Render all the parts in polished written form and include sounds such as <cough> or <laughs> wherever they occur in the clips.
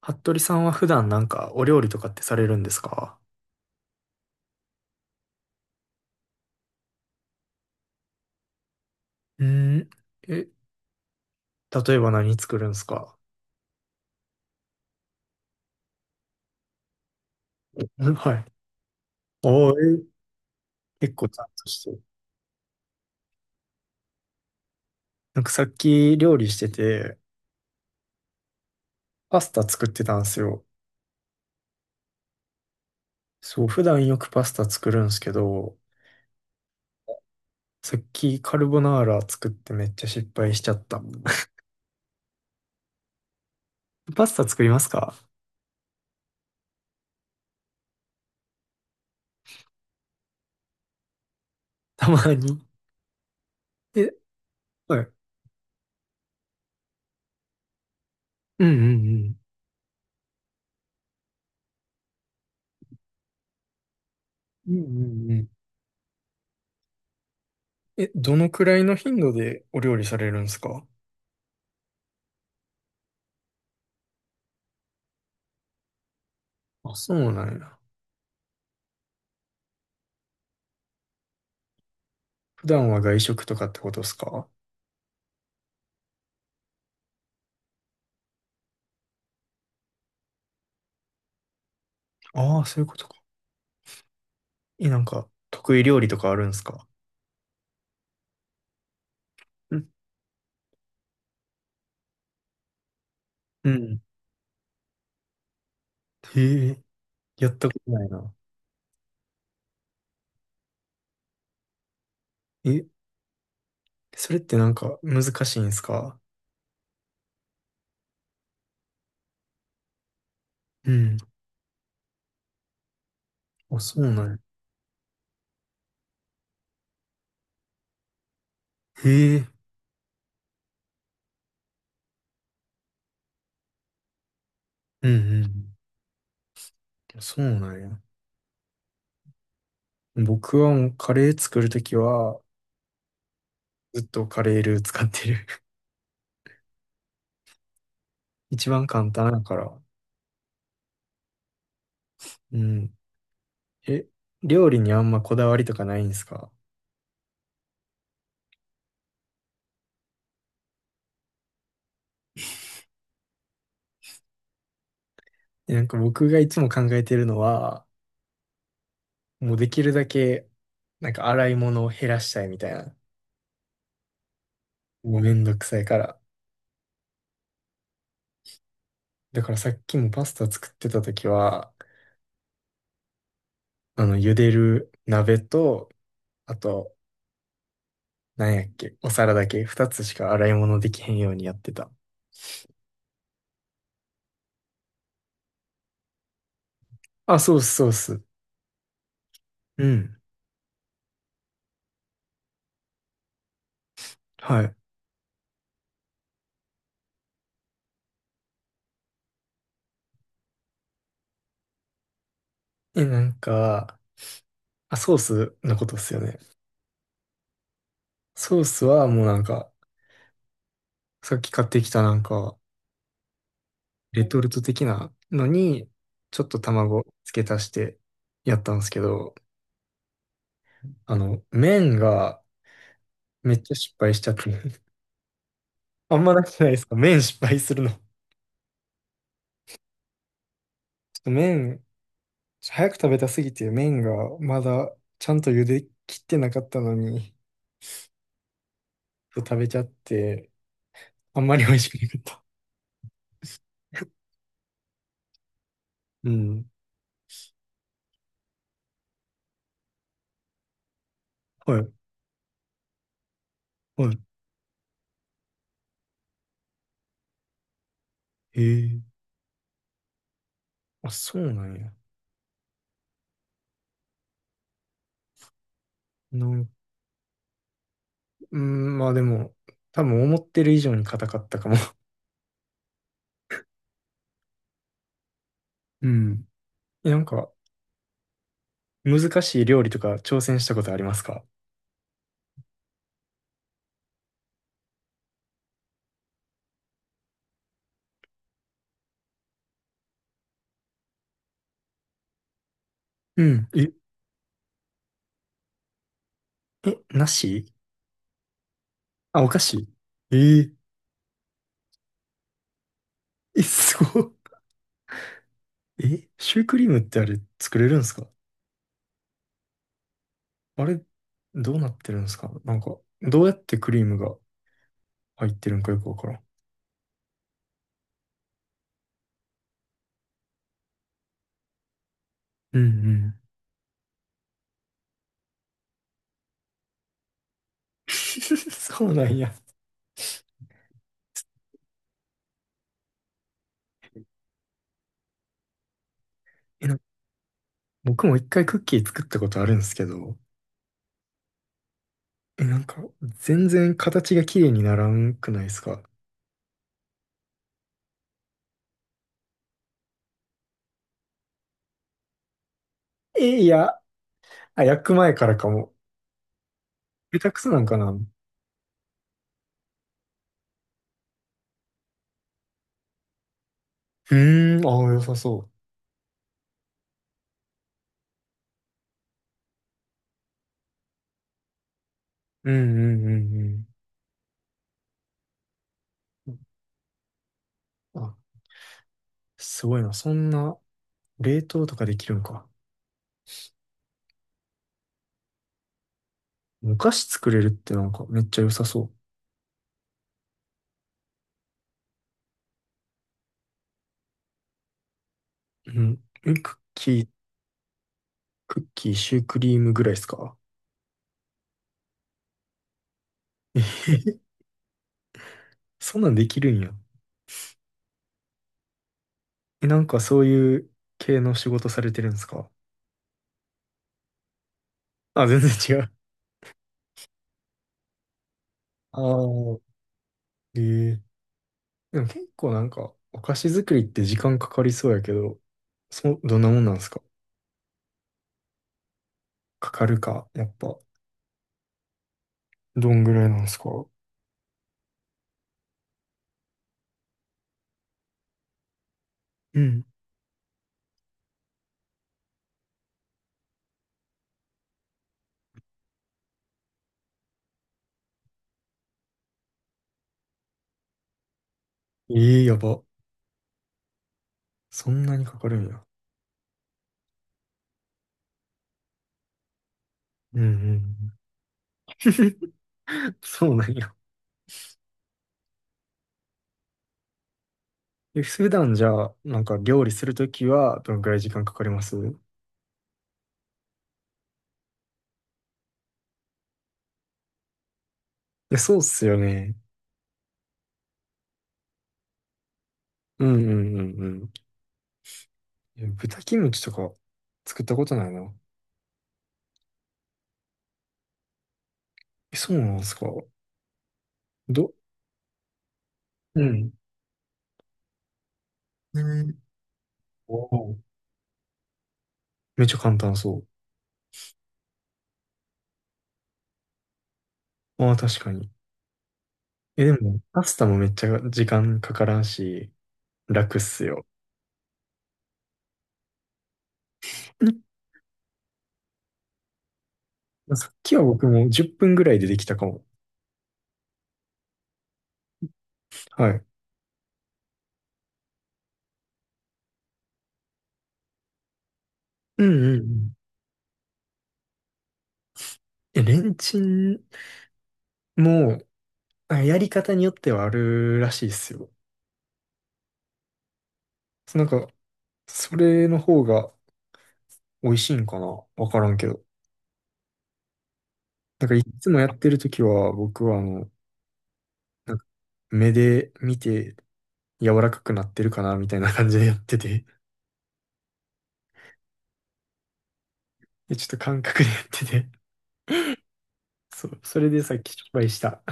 服部さんは普段なんかお料理とかってされるんですか？うーん。え、例えば何作るんですか？うん、はい。<laughs> おー、え、結構ちゃんとしてる。なんかさっき料理してて、パスタ作ってたんですよ。そう、普段よくパスタ作るんですけど、さっきカルボナーラ作ってめっちゃ失敗しちゃった。<laughs> パスタ作りますか？たまに。え、はい。うんうんうん。うんうんうん。え、どのくらいの頻度でお料理されるんですか？あ、そうなんや。普段は外食とかってことですか？ああー、そういうことか。え、得意料理とかあるんですか？うん。うん。へ、え、やったことないな。え、それってなんか難しいんですか？うん。あ、そうなんや。へ、え、うん。うん。そうなんや。僕はもうカレー作るときは、ずっとカレールー使ってる。<laughs> 一番簡単だから。うん。え、料理にあんまこだわりとかないんですか？え、僕がいつも考えてるのは、もうできるだけ、洗い物を減らしたいみたいな。もうめんどくさいから。だからさっきもパスタ作ってた時は、茹でる鍋と、あと、なんやっけ、お皿だけ、二つしか洗い物できへんようにやってた。あ、ソース、ソース。うん。はい。え、なんか、あ、ソースのことっすよね。ソースはもうさっき買ってきたレトルト的なのに、ちょっと卵付け足してやったんですけど、あの、麺がめっちゃ失敗しちゃって。<laughs> あんまなくないですか、麺失敗するの。ちょっと麺、早く食べたすぎて麺がまだちゃんと茹で切ってなかったのに、食べちゃって、あんまり美味しくなかった。<laughs> うん。はい。はい。へ、え。あ、そうなんや。なん、うん、まあでも、多分思ってる以上に硬かったかも。<laughs> うん。<laughs> え、難しい料理とか挑戦したことありますか？うん。え、え、なし、あ、お菓子、え、え、え、すごっ。え、シュークリームってあれ作れるんですか？あれ、どうなってるんですか、なんか、どうやってクリームが入ってるんかよくわからん。うん、うん。<laughs> そうなんや。え、な僕も一回クッキー作ったことあるんですけど、え、全然形が綺麗にならんくないですか？え、いや、あ、焼く前からかも。下手くそなんかな、うーん、ああ、良さそう。うんうんうんうん。あ、すごいな。そんな、冷凍とかできるんか。お菓子作れるってなんかめっちゃ良さそう。うん。え、クッキー、クッキー、シュークリームぐらいですか？えへへ <laughs> そんなんできるんや。え、なんかそういう系の仕事されてるんですか？あ、全然違う。ああ、え、え、でも結構なんかお菓子作りって時間かかりそうやけど、そ、どんなもんなんですか？かかるか、やっぱ、どんぐらいなんですか？うん。え、え、やば。そんなにかかるんや。うんうん。<laughs> そうなんや。え、普段じゃあ、なんか料理するときはどのくらい時間かかります？え、そうっすよね。うんうんうんうん。え、豚キムチとか作ったことないな。え、そうなんですか？ど、うん。ね、おー、めっちゃ簡単そう。ああ、確かに。え、でも、パスタもめっちゃ時間かからんし、楽っすよ。うん、さっきは僕も10分ぐらいでできたかも。はい。うんうんうん。え、レンチンも、あ、やり方によってはあるらしいっすよ。そう、なんか、それの方が美味しいんかな、わからんけど。なんかいつもやってるときは僕はあの、なんか目で見て柔らかくなってるかなみたいな感じでやってて、でちょっと感覚でやってて、そう、それでさっき失敗した。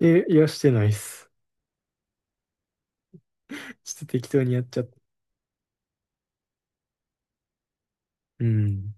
え、いや、してないっす。ちょっと適当にやっちゃった。うん。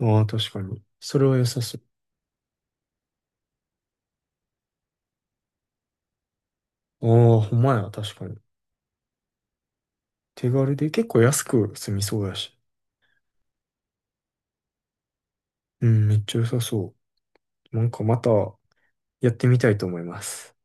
ああ、確かに。それは良さそう。ああ、ほんまや、確かに。手軽で結構安く済みそうやし。うん、めっちゃ良さそう。なんかまたやってみたいと思います。